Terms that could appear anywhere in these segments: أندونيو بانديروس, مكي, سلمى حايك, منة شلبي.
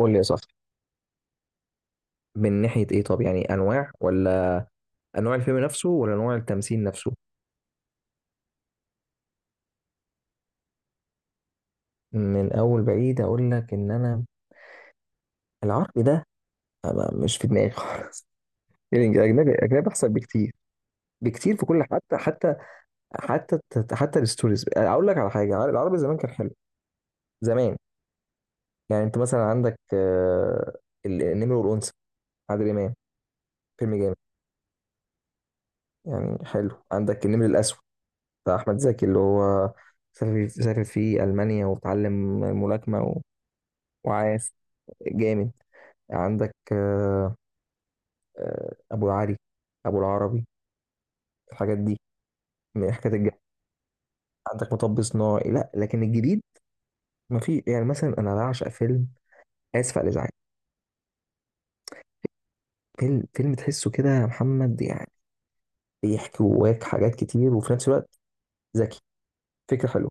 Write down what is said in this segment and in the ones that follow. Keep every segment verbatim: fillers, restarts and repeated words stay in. قول لي يا صاحبي، من ناحية ايه؟ طب يعني انواع، ولا انواع الفيلم نفسه ولا انواع التمثيل نفسه؟ من اول بعيد اقول لك ان انا العربي ده أنا مش في دماغي خالص. الأجنبي الأجنبي الاجنبي أحسن بكتير، بكتير في كل حتى حتى حتى حتى الستوريز. أقول لك على حاجة، العربي زمان كان حلو زمان. يعني أنت مثلا عندك آه، النمر والأنثى، عادل إمام، فيلم جامد. يعني حلو عندك النمر الأسود بتاع أحمد زكي، اللي هو سافر سافر في ألمانيا وتعلم الملاكمة وعايز، جامد. عندك آه، آه، ابو العري ابو العربي، الحاجات دي من الحاجات الجامدة. عندك مطب صناعي، لا لكن الجديد ما في. يعني مثلا انا بعشق فيلم اسف على الازعاج، فيلم فيلم تحسه كده يا محمد، يعني بيحكي جواك حاجات كتير وفي نفس الوقت ذكي، فكره حلوه،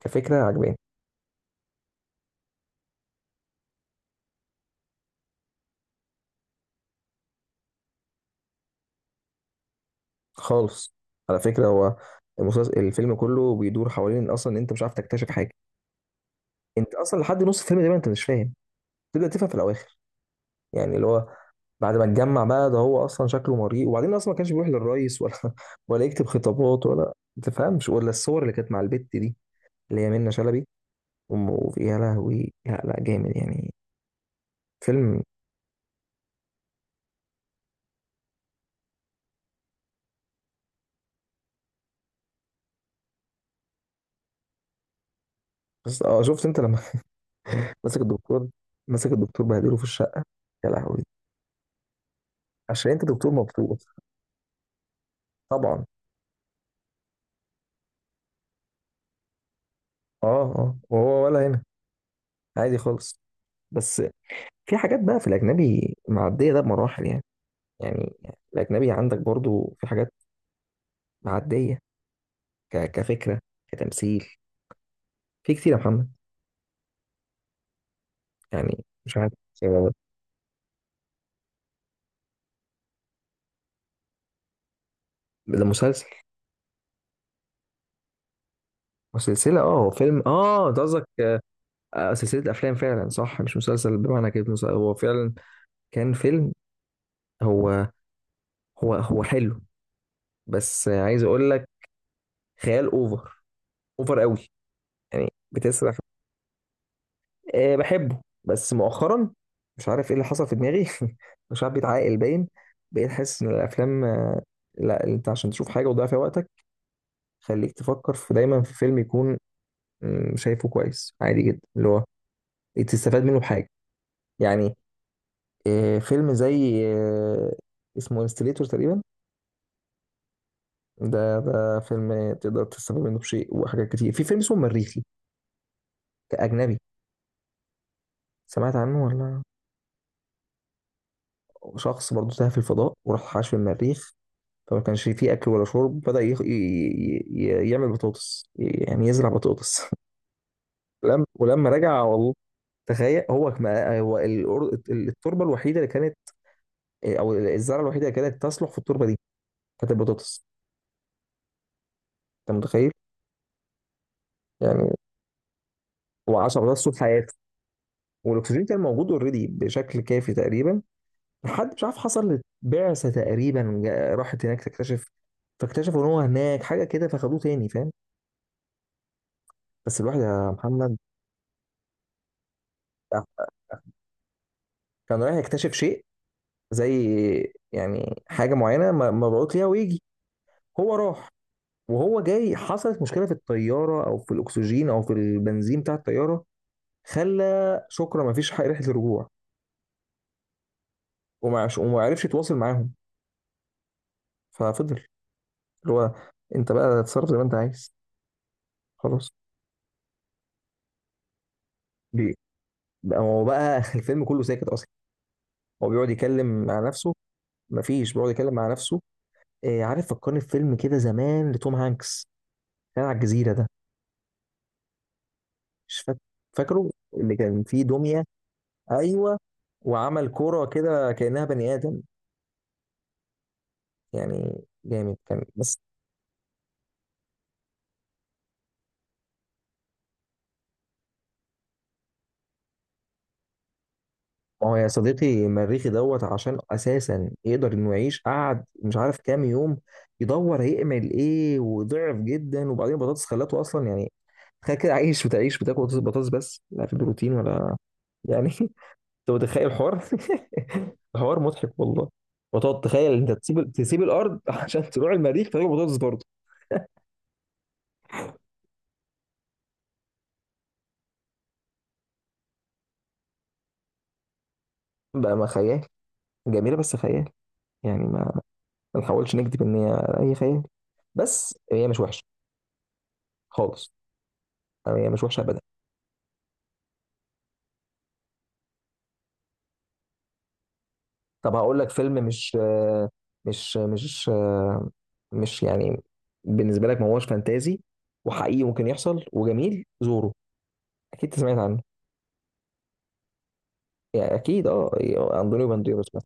كفكره عجباني خالص. على فكره هو المسلسل، الفيلم كله بيدور حوالين اصلا إن انت مش عارف تكتشف حاجه. انت اصلا لحد نص الفيلم ده انت مش فاهم، تبدا تفهم في الاواخر. يعني اللي هو بعد ما اتجمع بقى ده، هو اصلا شكله مريء، وبعدين اصلا ما كانش بيروح للرئيس ولا ولا يكتب خطابات، ولا ما تفهمش، ولا الصور اللي كانت مع البت دي اللي هي منة شلبي. أم- وفي يا لهوي، لا لا، جامد يعني، فيلم. بس اه، شفت انت لما مسك الدكتور مسك الدكتور بهدله في الشقه؟ يا لهوي، عشان انت دكتور مبسوط، طبعا. اه اه، وهو ولا هنا عادي خالص. بس في حاجات بقى في الاجنبي معديه ده بمراحل يعني. يعني الاجنبي عندك برضو في حاجات معديه، ك... كفكرة، كتمثيل، في كتير يا محمد. يعني مش عارف آه، ده مسلسل وسلسلة. اه هو فيلم، اه انت قصدك آه، آه، سلسلة أفلام، فعلا صح مش مسلسل بمعنى كده مسلسل، هو فعلا كان فيلم. هو هو هو حلو بس آه، عايز أقول لك، خيال أوفر، أوفر قوي، يعني بتسرح. آه بحبه بس مؤخرا مش عارف ايه اللي حصل في دماغي. مش عارف، بيتعاقل باين، بقيت حاسس ان الافلام آه، لا انت عشان تشوف حاجه وتضيع فيها وقتك، خليك تفكر في دايما في فيلم يكون، مم، شايفه كويس عادي جدا، اللي هو تستفاد منه بحاجه. يعني آه، فيلم زي آه، اسمه انستليتور تقريبا. ده ده فيلم تقدر تستفاد منه بشيء وحاجات كتير. في فيلم اسمه مريخي، كأجنبي. سمعت عنه ولا؟ شخص برضه تاه في الفضاء، وراح عاش في المريخ، فما كانش فيه اكل ولا شرب، بدأ يخ... ي... ي... ي- يعمل بطاطس، يعني يزرع بطاطس. ولما ولما رجع والله، تخيل، هو ما هو الأر- التربه الوحيده اللي كانت آه، او الزرعه الوحيده اللي كانت تصلح في التربه دي هات البطاطس. انت متخيل؟ يعني، و10 بطاطس طول حياته، والاكسجين كان موجود اوريدي بشكل كافي تقريبا. لحد مش عارف، حصل بعثه تقريبا جا- راحت هناك تكتشف، فاكتشفوا ان هو هناك حاجه كده فخدوه تاني، فاهم. بس الواحد يا محمد كان رايح يكتشف شيء، زي يعني حاجه معينه م- مبعوث ليها ويجي. هو راح، وهو جاي حصلت مشكله في الطياره، او في الاكسجين، او في البنزين بتاع الطياره، خلى شكرا ما فيش رحله رجوع. وما وما عرفش يتواصل معاهم، ففضل، اللي هو انت بقى تتصرف زي ما انت عايز. خلاص بي- بقى هو بقى، الفيلم كله ساكت اصلا، هو بيقعد يتكلم مع نفسه. مفيش، بيقعد يتكلم مع نفسه. إيه عارف، فكرني في فيلم كده زمان لتوم هانكس، كان على الجزيره ده، مش فاكر. فاكره، اللي كان فيه دميه، ايوه، وعمل كوره كده كانها بني ادم. يعني جامد كان بس. ما هو يا صديقي مريخي دوت، عشان اساسا يقدر انه يعيش، قعد مش عارف كام يوم يدور هيعمل ايه، وضعف جدا، وبعدين بطاطس خلته اصلا يعني. تخيل كده عايش، بتعيش بتاكل بطاطس بطاطس، بس لا في بروتين ولا يعني. انت متخيل الحوار؟ الحوار مضحك والله. وتقعد تخيل انت، تسيب تسيب الارض عشان تروح المريخ تاكل بطاطس برضه. بقى ما خيال، جميله بس خيال يعني. ما، ما نحاولش نكذب ان هي اي خيال، بس هي مش وحشه خالص، يعني هي مش وحشه ابدا. طب هقول لك فيلم، مش مش مش مش يعني بالنسبه لك ما هوش فانتازي، وحقيقي ممكن يحصل وجميل. زورو، اكيد سمعت عنه. يعني اكيد اه، يعني اندونيو بانديروس مثلا.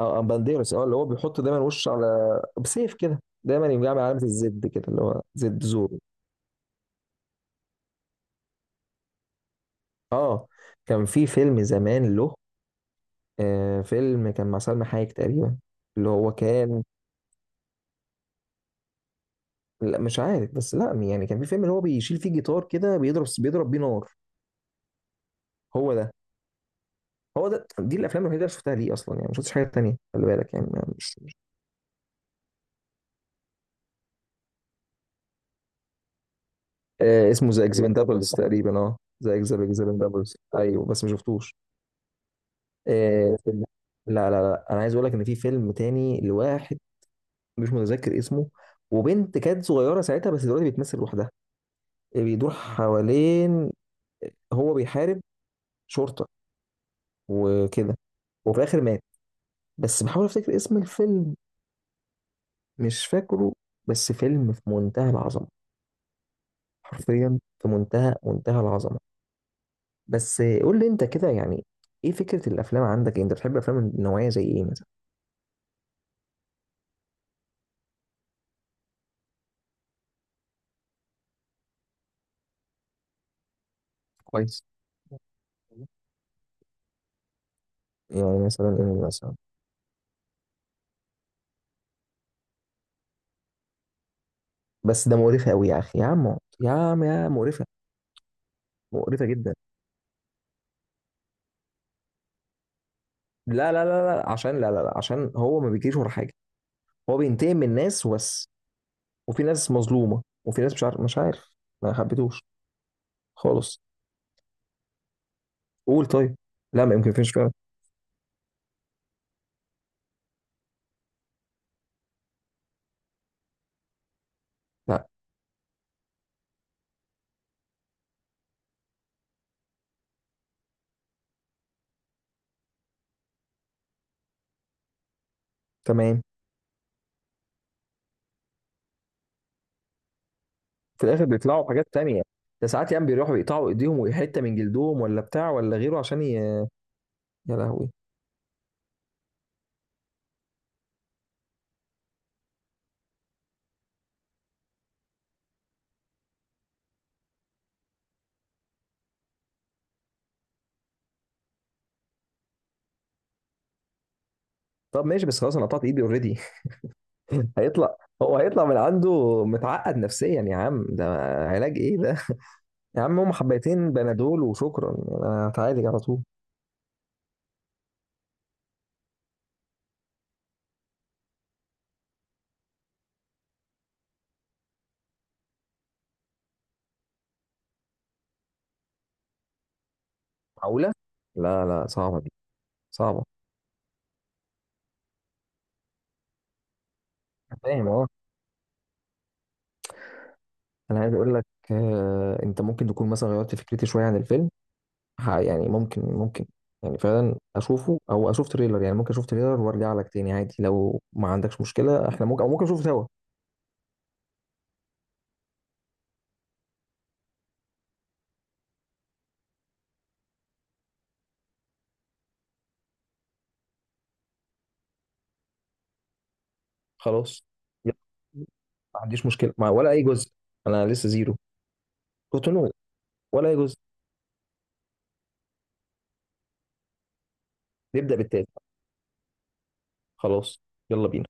اه آه، بانديروس، اه، اللي هو بيحط دايما وش، على بسيف كده دايما، يقوم جاي عامل علامه الزد كده، اللي هو زد زورو. اه، كان في فيلم زمان له، آه فيلم كان مع سلمى حايك تقريبا، اللي هو كان. لا مش عارف، بس لا يعني كان في فيلم اللي هو بيشيل فيه جيتار كده، بيضرب بيضرب بيه نار. هو ده، هو ده دي الافلام الوحيده اللي شفتها ليه اصلا يعني، ما شفتش حاجه تانيه، خلي بالك يعني. مش مش- آه اسمه ذا اكسبندابلز تقريبا، اه. ذا اكسبندابلز، ايوه بس ما شفتوش. آه، فيلم- لا لا لا، انا عايز اقول لك ان في فيلم تاني لواحد مش متذكر اسمه، وبنت كانت صغيره ساعتها بس دلوقتي بتمثل لوحدها. آه، بيدور حوالين، هو بيحارب شرطه وكده، وفي الاخر مات. بس بحاول افتكر اسم الفيلم، مش فاكره. بس فيلم في منتهى العظمه، حرفيا في منتهى منتهى العظمه. بس آه، قول لي انت كده يعني، ايه فكره الافلام عندك؟ يعني انت بتحب افلام النوعيه زي ايه مثلا؟ كويس. يعني مثلا ايه مثلا؟ بس ده مقرفه قوي يا اخي، يا عم يا عم، يا مقرفه، مقرفه جدا. لا لا لا لا، عشان، لا لا لا، عشان هو ما بيجريش ورا حاجه، هو بينتقم من الناس وبس. وفي ناس مظلومه، وفي ناس مش عارف، مش عارف، ما حبيتوش خالص. قول طيب، لا ما يمكنش فعلا. لا، تمام. في الاخر بيطلعوا بحاجات تانية، ده ساعات يعني بيروحوا يقطعوا ايديهم وحته من جلدهم ولا بتاع ولا غيره، عشان ي... يا لهوي. طب ماشي، بس خلاص انا قطعت ايدي اوريدي. هيطلع، هو هيطلع من عنده متعقد نفسيا يا عم ده، علاج ايه ده؟ يا عم، هم حبيتين بنادول وشكرا يعني، انا هتعالج على طول. معقولة؟ لا لا، صعبة دي، صعبة. أنا فاهم اه. انا عايز اقول لك، آه، انت ممكن تكون مثلا غيرت فكرتي شويه عن الفيلم. ح- يعني ممكن، ممكن، يعني فعلا اشوفه او اشوف تريلر. يعني ممكن اشوف تريلر وارجع لك تاني عادي، لو ما عندكش مشكله احنا ممكن، او ممكن نشوفه سوا. خلاص. يلا، ما عنديش مشكله مع ولا اي جزء، انا لسه زيرو، كنت نو، ولا اي جزء. نبدا بالتالي. خلاص، يلا بينا.